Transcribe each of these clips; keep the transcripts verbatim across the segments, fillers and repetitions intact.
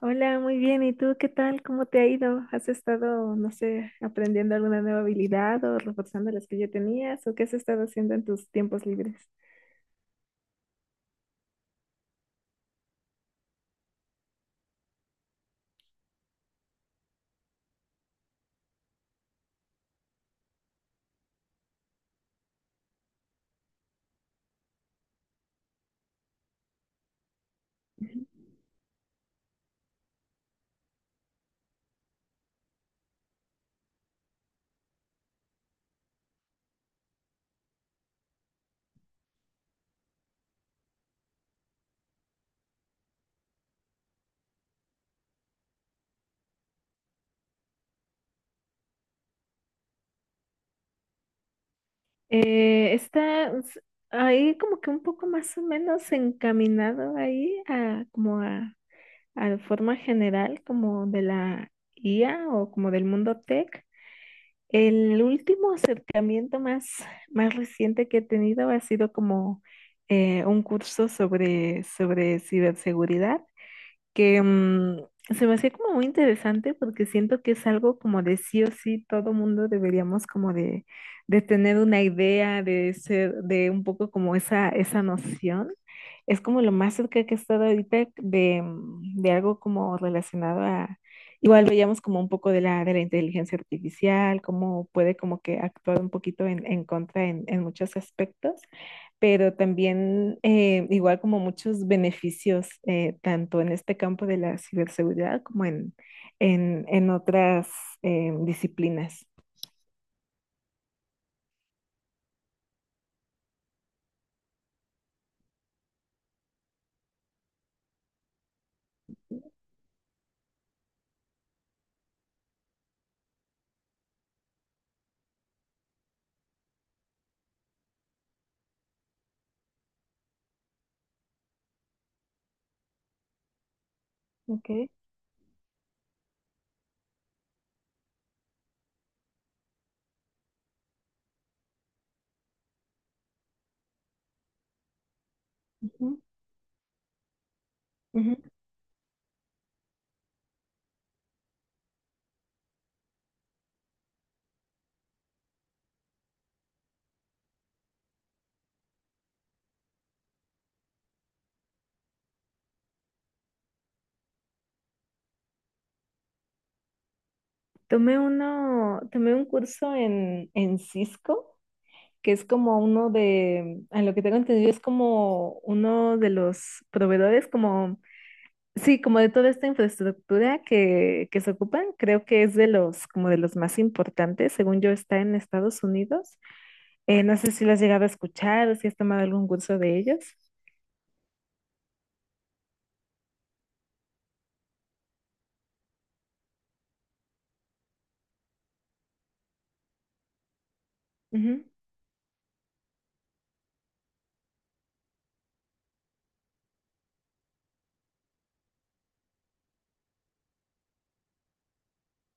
Hola, muy bien. ¿Y tú qué tal? ¿Cómo te ha ido? ¿Has estado, no sé, aprendiendo alguna nueva habilidad o reforzando las que ya tenías? ¿O qué has estado haciendo en tus tiempos libres? Eh, está s- ahí como que un poco más o menos encaminado ahí a como a, a la forma general como de la I A o como del mundo tech. El último acercamiento más, más reciente que he tenido ha sido como eh, un curso sobre, sobre ciberseguridad. que mm, se me hacía como muy interesante porque siento que es algo como de sí o sí todo mundo deberíamos como de, de, tener una idea, de ser, de un poco como esa, esa noción. Es como lo más cerca que he estado ahorita de, mm, de algo como relacionado a, igual veíamos como un poco de la, de la inteligencia artificial, cómo puede como que actuar un poquito en, en contra en en muchos aspectos pero también eh, igual como muchos beneficios, eh, tanto en este campo de la ciberseguridad como en, en, en otras eh, disciplinas. Ok. Ujú, ujú. Tomé uno, tomé un curso en, en Cisco, que es como uno de, a lo que tengo entendido, es como uno de los proveedores, como, sí, como de toda esta infraestructura que, que se ocupan, creo que es de los, como de los más importantes, según yo, está en Estados Unidos. Eh, no sé si lo has llegado a escuchar o si has tomado algún curso de ellos. Ujú,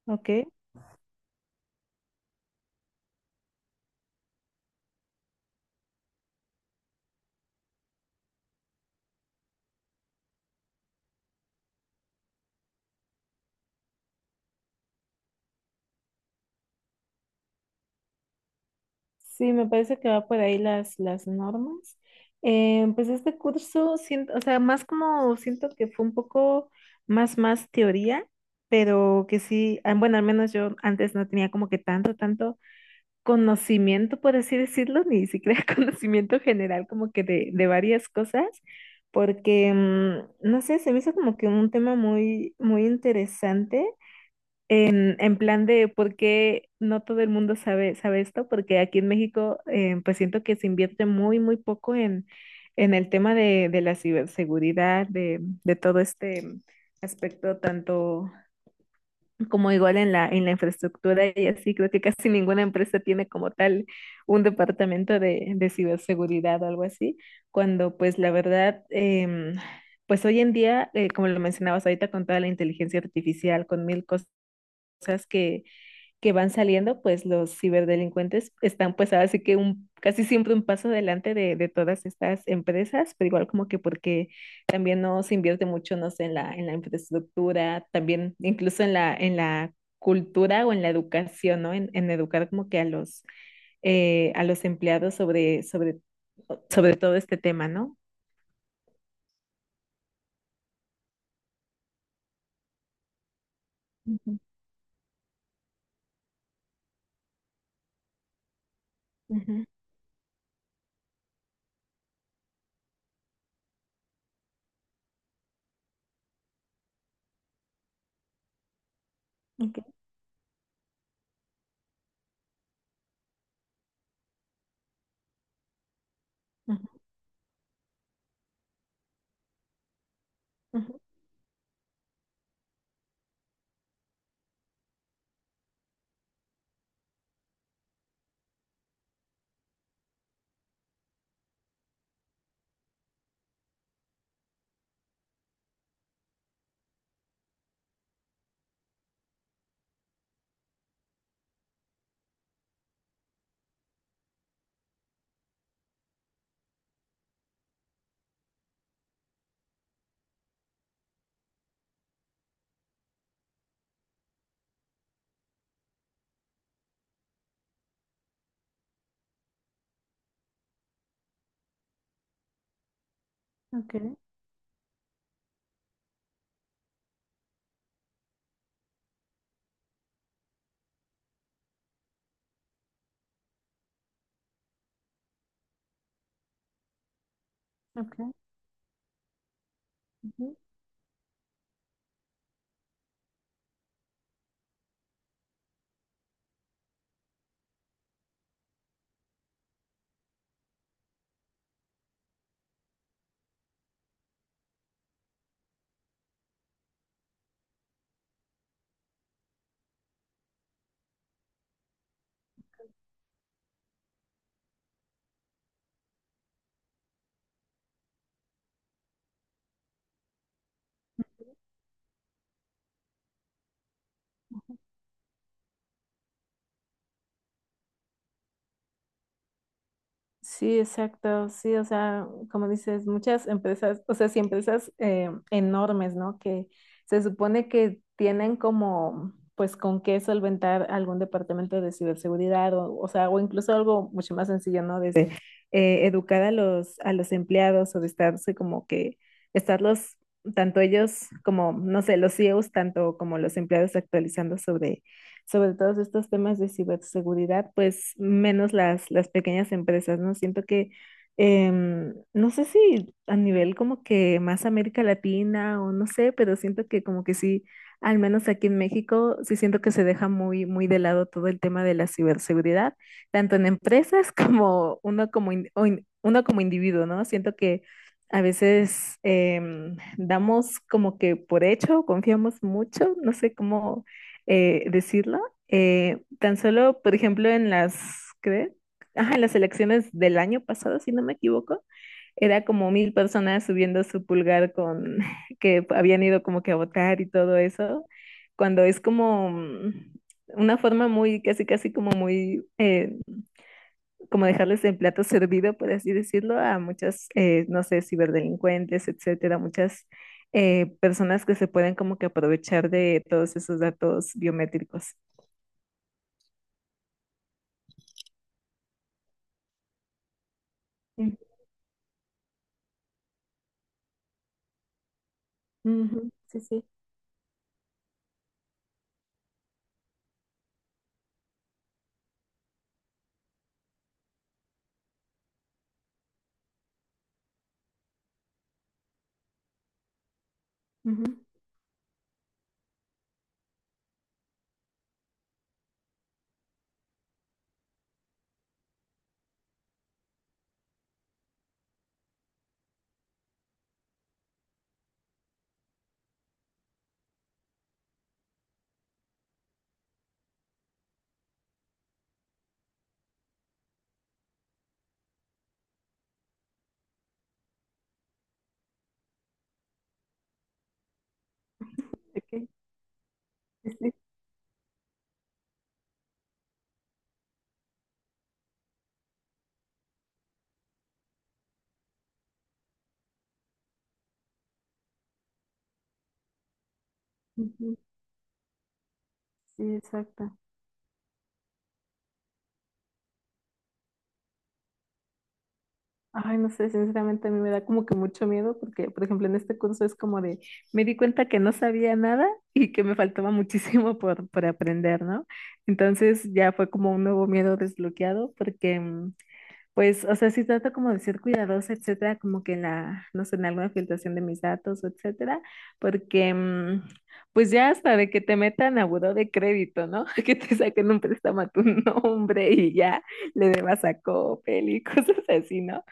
ok. Sí, me parece que va por ahí las, las normas. Eh, pues este curso, siento, o sea, más como siento que fue un poco más, más teoría, pero que sí, ah, bueno, al menos yo antes no tenía como que tanto, tanto conocimiento, por así decirlo, ni siquiera conocimiento general como que de, de varias cosas, porque, mm, no sé, se me hizo como que un tema muy, muy interesante en, en plan de por qué no todo el mundo sabe, sabe esto, porque aquí en México eh, pues siento que se invierte muy, muy poco en, en el tema de, de la ciberseguridad, de, de todo este aspecto, tanto como igual en la, en la infraestructura y así, creo que casi ninguna empresa tiene como tal un departamento de, de ciberseguridad o algo así, cuando pues la verdad... em, pues hoy en día, eh, como lo mencionabas ahorita, con toda la inteligencia artificial, con mil cosas que, que van saliendo, pues los ciberdelincuentes están pues ahora sí que un, casi siempre un paso adelante de, de todas estas empresas, pero igual como que porque también no se invierte mucho, no sé, en la, en la infraestructura, también incluso en la, en la cultura o en la educación, ¿no? En, en educar como que a los, eh, a los empleados sobre, sobre, sobre todo este tema, ¿no? Ujú, ujú, ok, ujú, ujú, ok, ok, ujú. Sí, exacto, sí, o sea, como dices, muchas empresas, o sea, sí, empresas eh, enormes, ¿no? Que se supone que tienen como, pues, con qué solventar algún departamento de ciberseguridad, o, o sea, o incluso algo mucho más sencillo, ¿no? Desde eh, educar a los, a los empleados o de estarse como que, estarlos, tanto ellos como, no sé, los C E Os, tanto como los empleados actualizando sobre todos estos temas de ciberseguridad, pues menos las, las pequeñas empresas, ¿no? Siento que, em, no sé si a nivel como que más América Latina o no sé, pero siento que como que sí, al menos aquí en México, sí siento que se deja muy, muy de lado todo el tema de la ciberseguridad, tanto en empresas como uno como, in- o in- uno como individuo, ¿no? Siento que... A veces em, damos como que por hecho, confiamos mucho, no sé cómo, eh, decirlo. Eh, tan solo, por ejemplo, en las, ¿qué? Ajá, en las elecciones del año pasado, si no me equivoco, era como mil personas subiendo su pulgar con que habían ido como que a votar y todo eso, cuando es como mm, una forma muy, casi, casi como muy, eh, como dejarles el plato servido, por así decirlo, a muchas, eh, no sé, ciberdelincuentes, etcétera, muchas eh, personas que se pueden como que aprovechar de todos esos datos biométricos. Sí, ujú, sí, sí, ujú, ok, sí, sí, ujú, sí, exacto. Ay, no sé, sinceramente a mí me da como que mucho miedo porque, por ejemplo, en este curso es como de, me di cuenta que no sabía nada y que me faltaba muchísimo por, por aprender, ¿no? Entonces ya fue como un nuevo miedo desbloqueado porque mm, Pues, o sea, sí trato como de ser cuidadosa, etcétera, como que en la, no sé, en alguna filtración de mis datos, etcétera, porque, mm, pues ya hasta de que te metan a buró de crédito, ¿no? Que te saquen un préstamo a tu nombre y ya le debas a Coppel y cosas así, ¿no?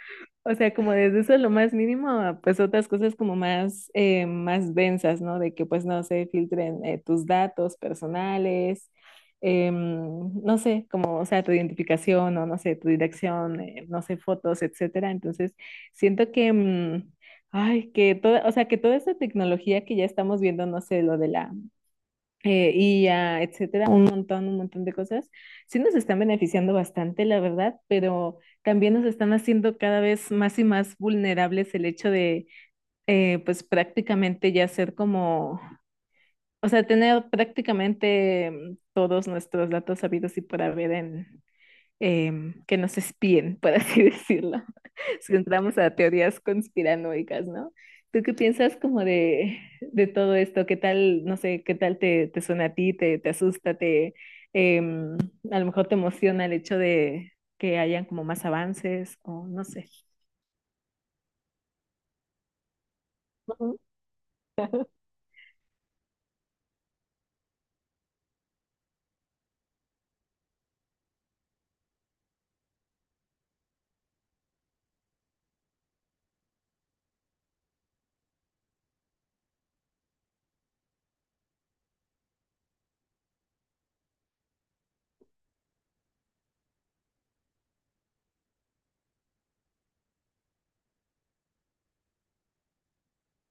O sea, como desde eso lo más mínimo, a, pues otras cosas como más, eh, más densas, ¿no? De que pues no se filtren eh, tus datos personales, em, no sé, como, o sea, tu identificación o no sé, tu dirección, eh, no sé, fotos, etcétera. Entonces, siento que, mm, ay, que toda, o sea, que toda esta tecnología que ya estamos viendo, no sé, lo de la eh, I A, etcétera, un montón, un montón de cosas, sí nos están beneficiando bastante, la verdad, pero también nos están haciendo cada vez más y más vulnerables el hecho de, eh, pues prácticamente ya ser como o sea, tener prácticamente mm, todos nuestros datos sabidos y por haber en em, que nos espíen, por así decirlo. Si entramos a teorías conspiranoicas, ¿no? ¿Tú qué piensas como de, de todo esto? ¿Qué tal, no sé, qué tal te, te suena a ti? ¿Te, te asusta? ¿Te, em, a lo mejor te emociona el hecho de que hayan como más avances o no sé? Ujú,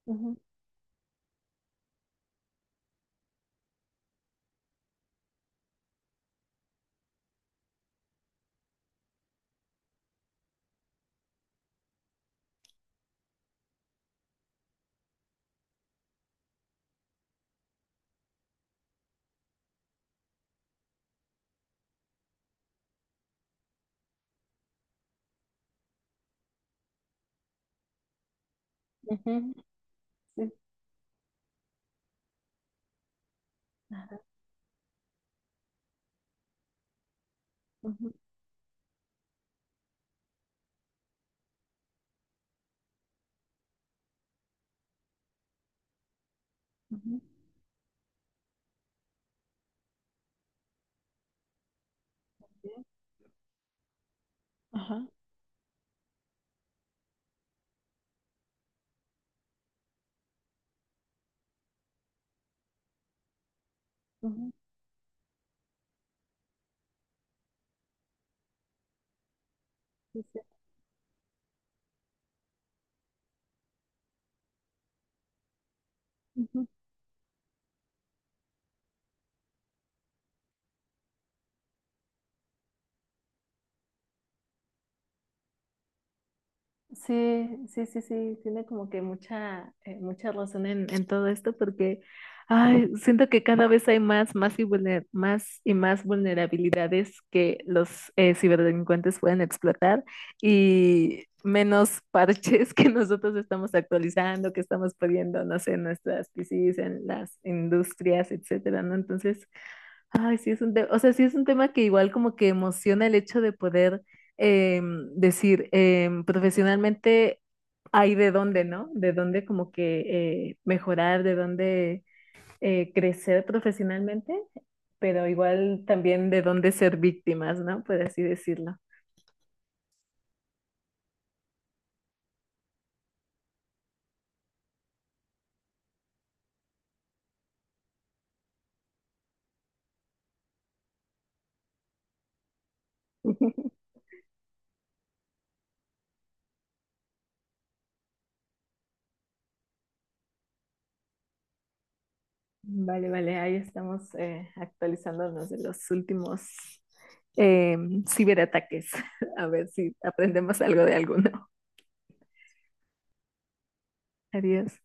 ujú, ujú, sí, ujú, ujú, sí, ajá. Ujú, sí, sí, ujú. Sí, sí, sí, sí, tiene como que mucha, eh, mucha razón en, en todo esto porque, ay, siento que cada vez hay más, más y, vulner- más y más vulnerabilidades que los eh, ciberdelincuentes pueden explotar y menos parches que nosotros estamos actualizando, que estamos poniendo, no sé, en nuestras P Cs, en las industrias, etcétera, ¿no? Entonces, ay, sí es un tema, o sea, sí es un tema que igual como que emociona el hecho de poder em, decir, em, profesionalmente hay de dónde, ¿no? De dónde como que eh, mejorar, de dónde eh, crecer profesionalmente, pero igual también de dónde ser víctimas, ¿no? Por así decirlo. Vale, vale, ahí estamos eh, actualizándonos de los últimos em, ciberataques, a ver si aprendemos algo de alguno. Adiós.